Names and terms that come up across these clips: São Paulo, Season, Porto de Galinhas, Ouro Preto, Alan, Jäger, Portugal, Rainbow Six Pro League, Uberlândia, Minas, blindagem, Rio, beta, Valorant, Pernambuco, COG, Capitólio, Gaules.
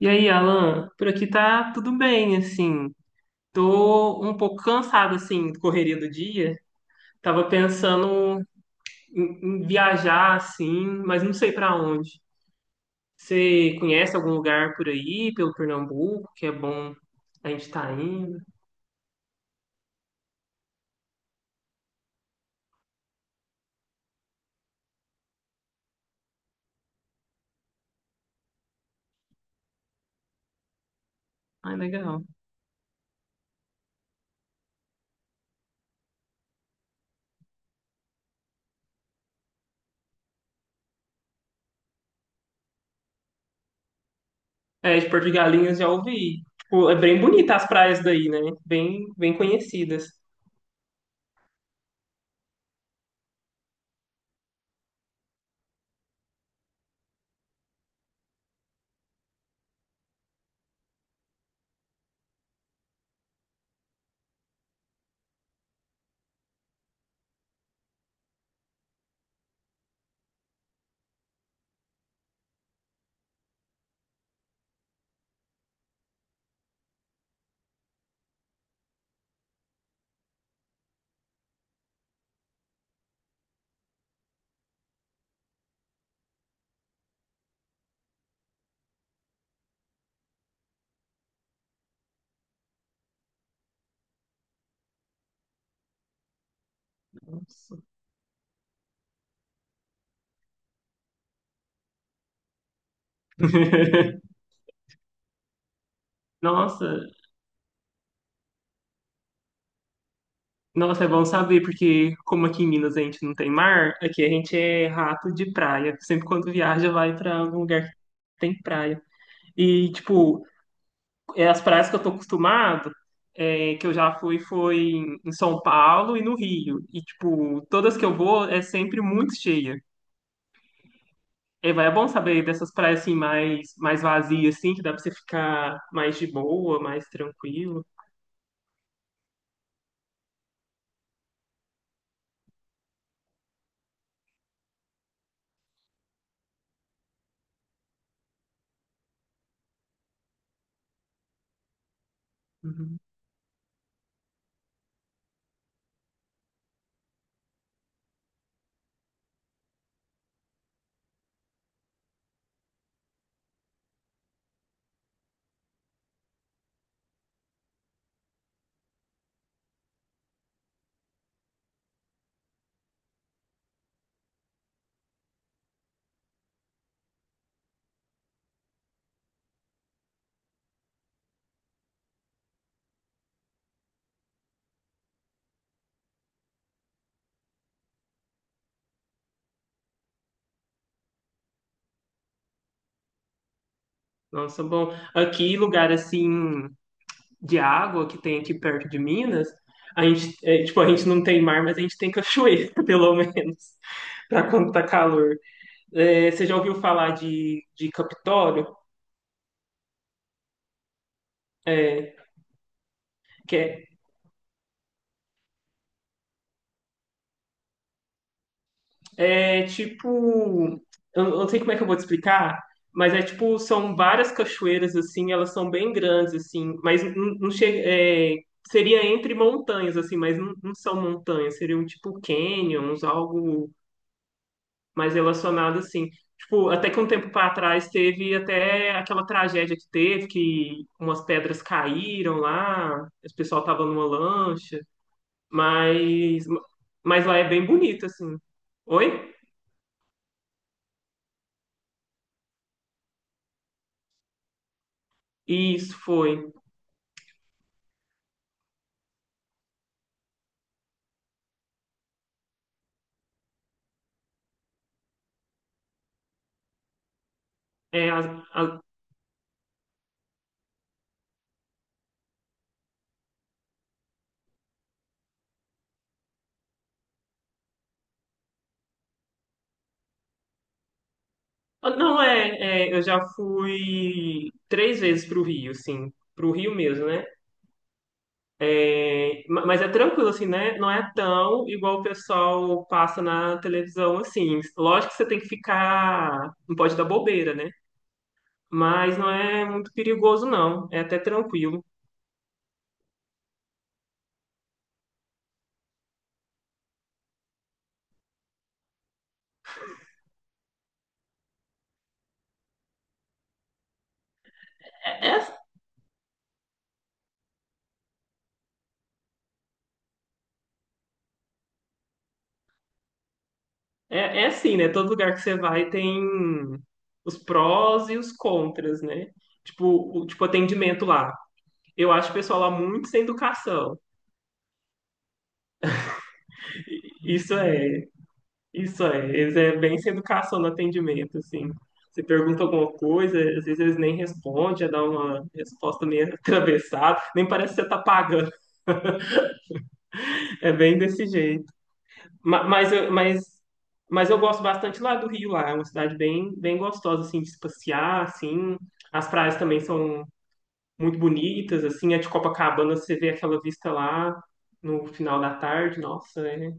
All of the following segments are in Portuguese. E aí, Alan, por aqui tá tudo bem, assim. Tô um pouco cansado, assim, da correria do dia. Tava pensando em viajar, assim, mas não sei pra onde. Você conhece algum lugar por aí, pelo Pernambuco, que é bom a gente tá indo? Ai, legal. É, de Porto de Galinhas já ouvi. Tipo, é bem bonita as praias daí, né? Bem conhecidas. Nossa, Nossa, é bom saber, porque como aqui em Minas a gente não tem mar, aqui a gente é rato de praia. Sempre quando viaja, vai pra algum lugar que tem praia. E, tipo, é as praias que eu tô acostumado, é, que eu já fui, foi em São Paulo e no Rio. E, tipo, todas que eu vou é sempre muito cheia. É, vai, é bom saber dessas praias assim mais, mais vazias, assim, que dá pra você ficar mais de boa, mais tranquilo. Uhum. Nossa, bom. Aqui, lugar assim de água que tem aqui perto de Minas, a gente, é, tipo, a gente não tem mar, mas a gente tem cachoeira, pelo menos, para quando tá calor. É, você já ouviu falar de Capitólio? É, que é, é tipo, eu não sei como é que eu vou te explicar, mas é tipo, são várias cachoeiras assim, elas são bem grandes assim, mas não, não chega, é, seria entre montanhas assim, mas não, não são montanhas, seriam tipo canyons, algo mais relacionado, assim. Tipo, até que um tempo para trás teve até aquela tragédia que teve, que umas pedras caíram lá, o pessoal tava numa lancha, mas, mas lá é bem bonito, assim. Oi? Isso foi. É, as- as- não, é, é, eu já fui três vezes pro Rio, assim, pro Rio mesmo, né? É, mas é tranquilo, assim, né? Não é tão igual o pessoal passa na televisão, assim. Lógico que você tem que ficar. Não pode dar bobeira, né? Mas não é muito perigoso, não. É até tranquilo. É, é, é é assim, né? Todo lugar que você vai tem os prós e os contras, né? Tipo, o tipo atendimento lá. Eu acho o pessoal lá muito sem educação. Isso é. Isso é, eles é bem sem educação no atendimento, assim. Você pergunta alguma coisa, às vezes eles nem respondem, já dá uma resposta meio atravessada, nem parece que você tá pagando. É bem desse jeito. Ma- Mas, eu- mas, mas eu gosto bastante lá do Rio, lá. É uma cidade bem, bem gostosa, assim, de se passear, assim. As praias também são muito bonitas, assim. A de Copacabana, você vê aquela vista lá no final da tarde, nossa, é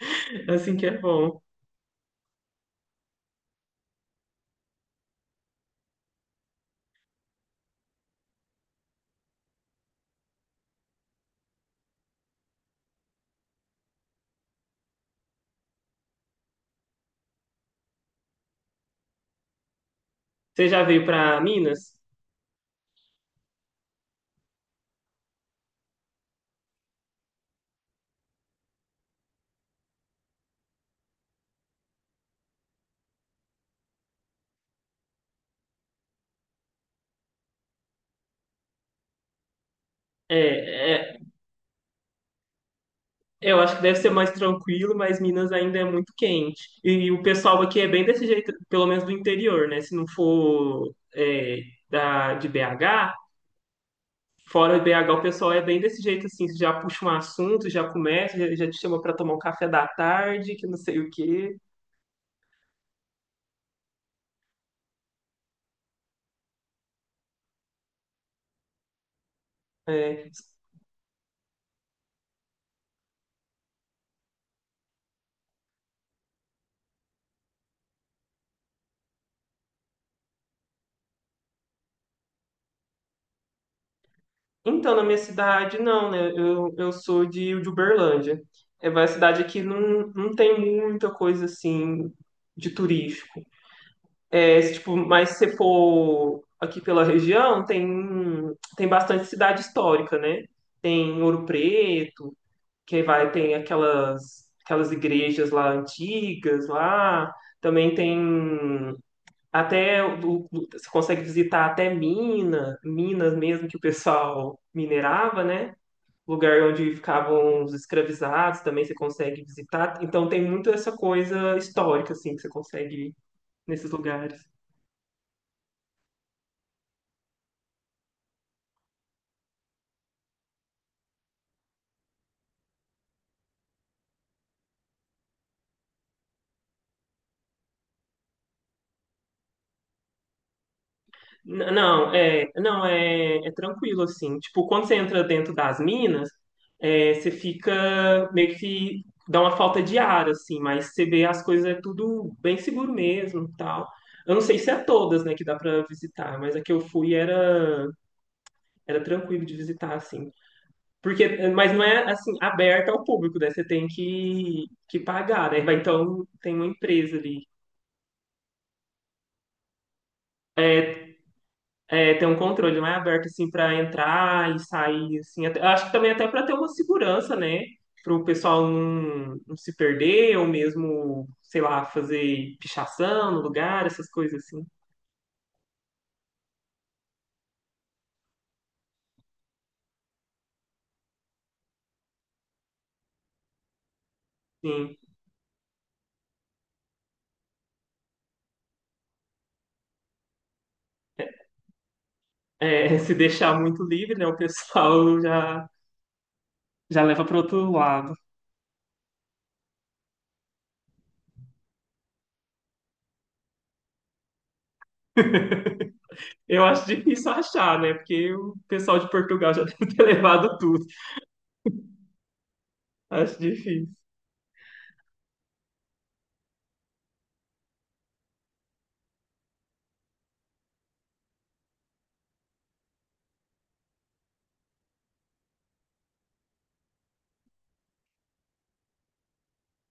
assim que é bom. Você já veio para Minas? É, é, Eu acho que deve ser mais tranquilo, mas Minas ainda é muito quente. E o pessoal aqui é bem desse jeito, pelo menos do interior, né? Se não for é, da, de BH, fora de BH o pessoal é bem desse jeito assim, já puxa um assunto, já começa, já, já te chama para tomar um café da tarde, que não sei o quê. É. Então, na minha cidade, não, né? Eu sou de Uberlândia. É uma cidade que não, não tem muita coisa assim de turístico. É, se, tipo, mas se você for aqui pela região, tem, tem bastante cidade histórica, né? Tem Ouro Preto, que vai, tem aquelas, aquelas igrejas lá antigas lá. Também tem você consegue visitar até Minas, Minas mesmo que o pessoal minerava, né? Lugar onde ficavam os escravizados, também você consegue visitar. Então tem muito essa coisa histórica assim que você consegue ir nesses lugares. Não, é, não é, é tranquilo assim. Tipo, quando você entra dentro das minas, é, você fica meio que dá uma falta de ar assim, mas você vê as coisas é tudo bem seguro mesmo, e tal. Eu não sei se é todas, né, que dá pra visitar, mas a que eu fui era era tranquilo de visitar assim. Porque, mas não é assim aberta ao público, né? Você tem que pagar, né? Vai, então tem uma empresa ali. É, é, ter um controle mais aberto assim para entrar e sair assim. Acho que também até para ter uma segurança, né? Para o pessoal não, não se perder ou mesmo, sei lá, fazer pichação no lugar, essas coisas assim. Sim. É, se deixar muito livre, né? O pessoal já já leva para outro lado. Eu acho difícil achar, né? Porque o pessoal de Portugal já deve ter levado tudo. Acho difícil.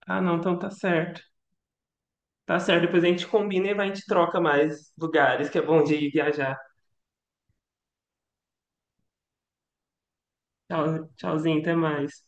Ah, não, então tá certo. Tá certo, depois a gente combina e vai, a gente troca mais lugares, que é bom de ir viajar. Tchau, tchauzinho, até mais.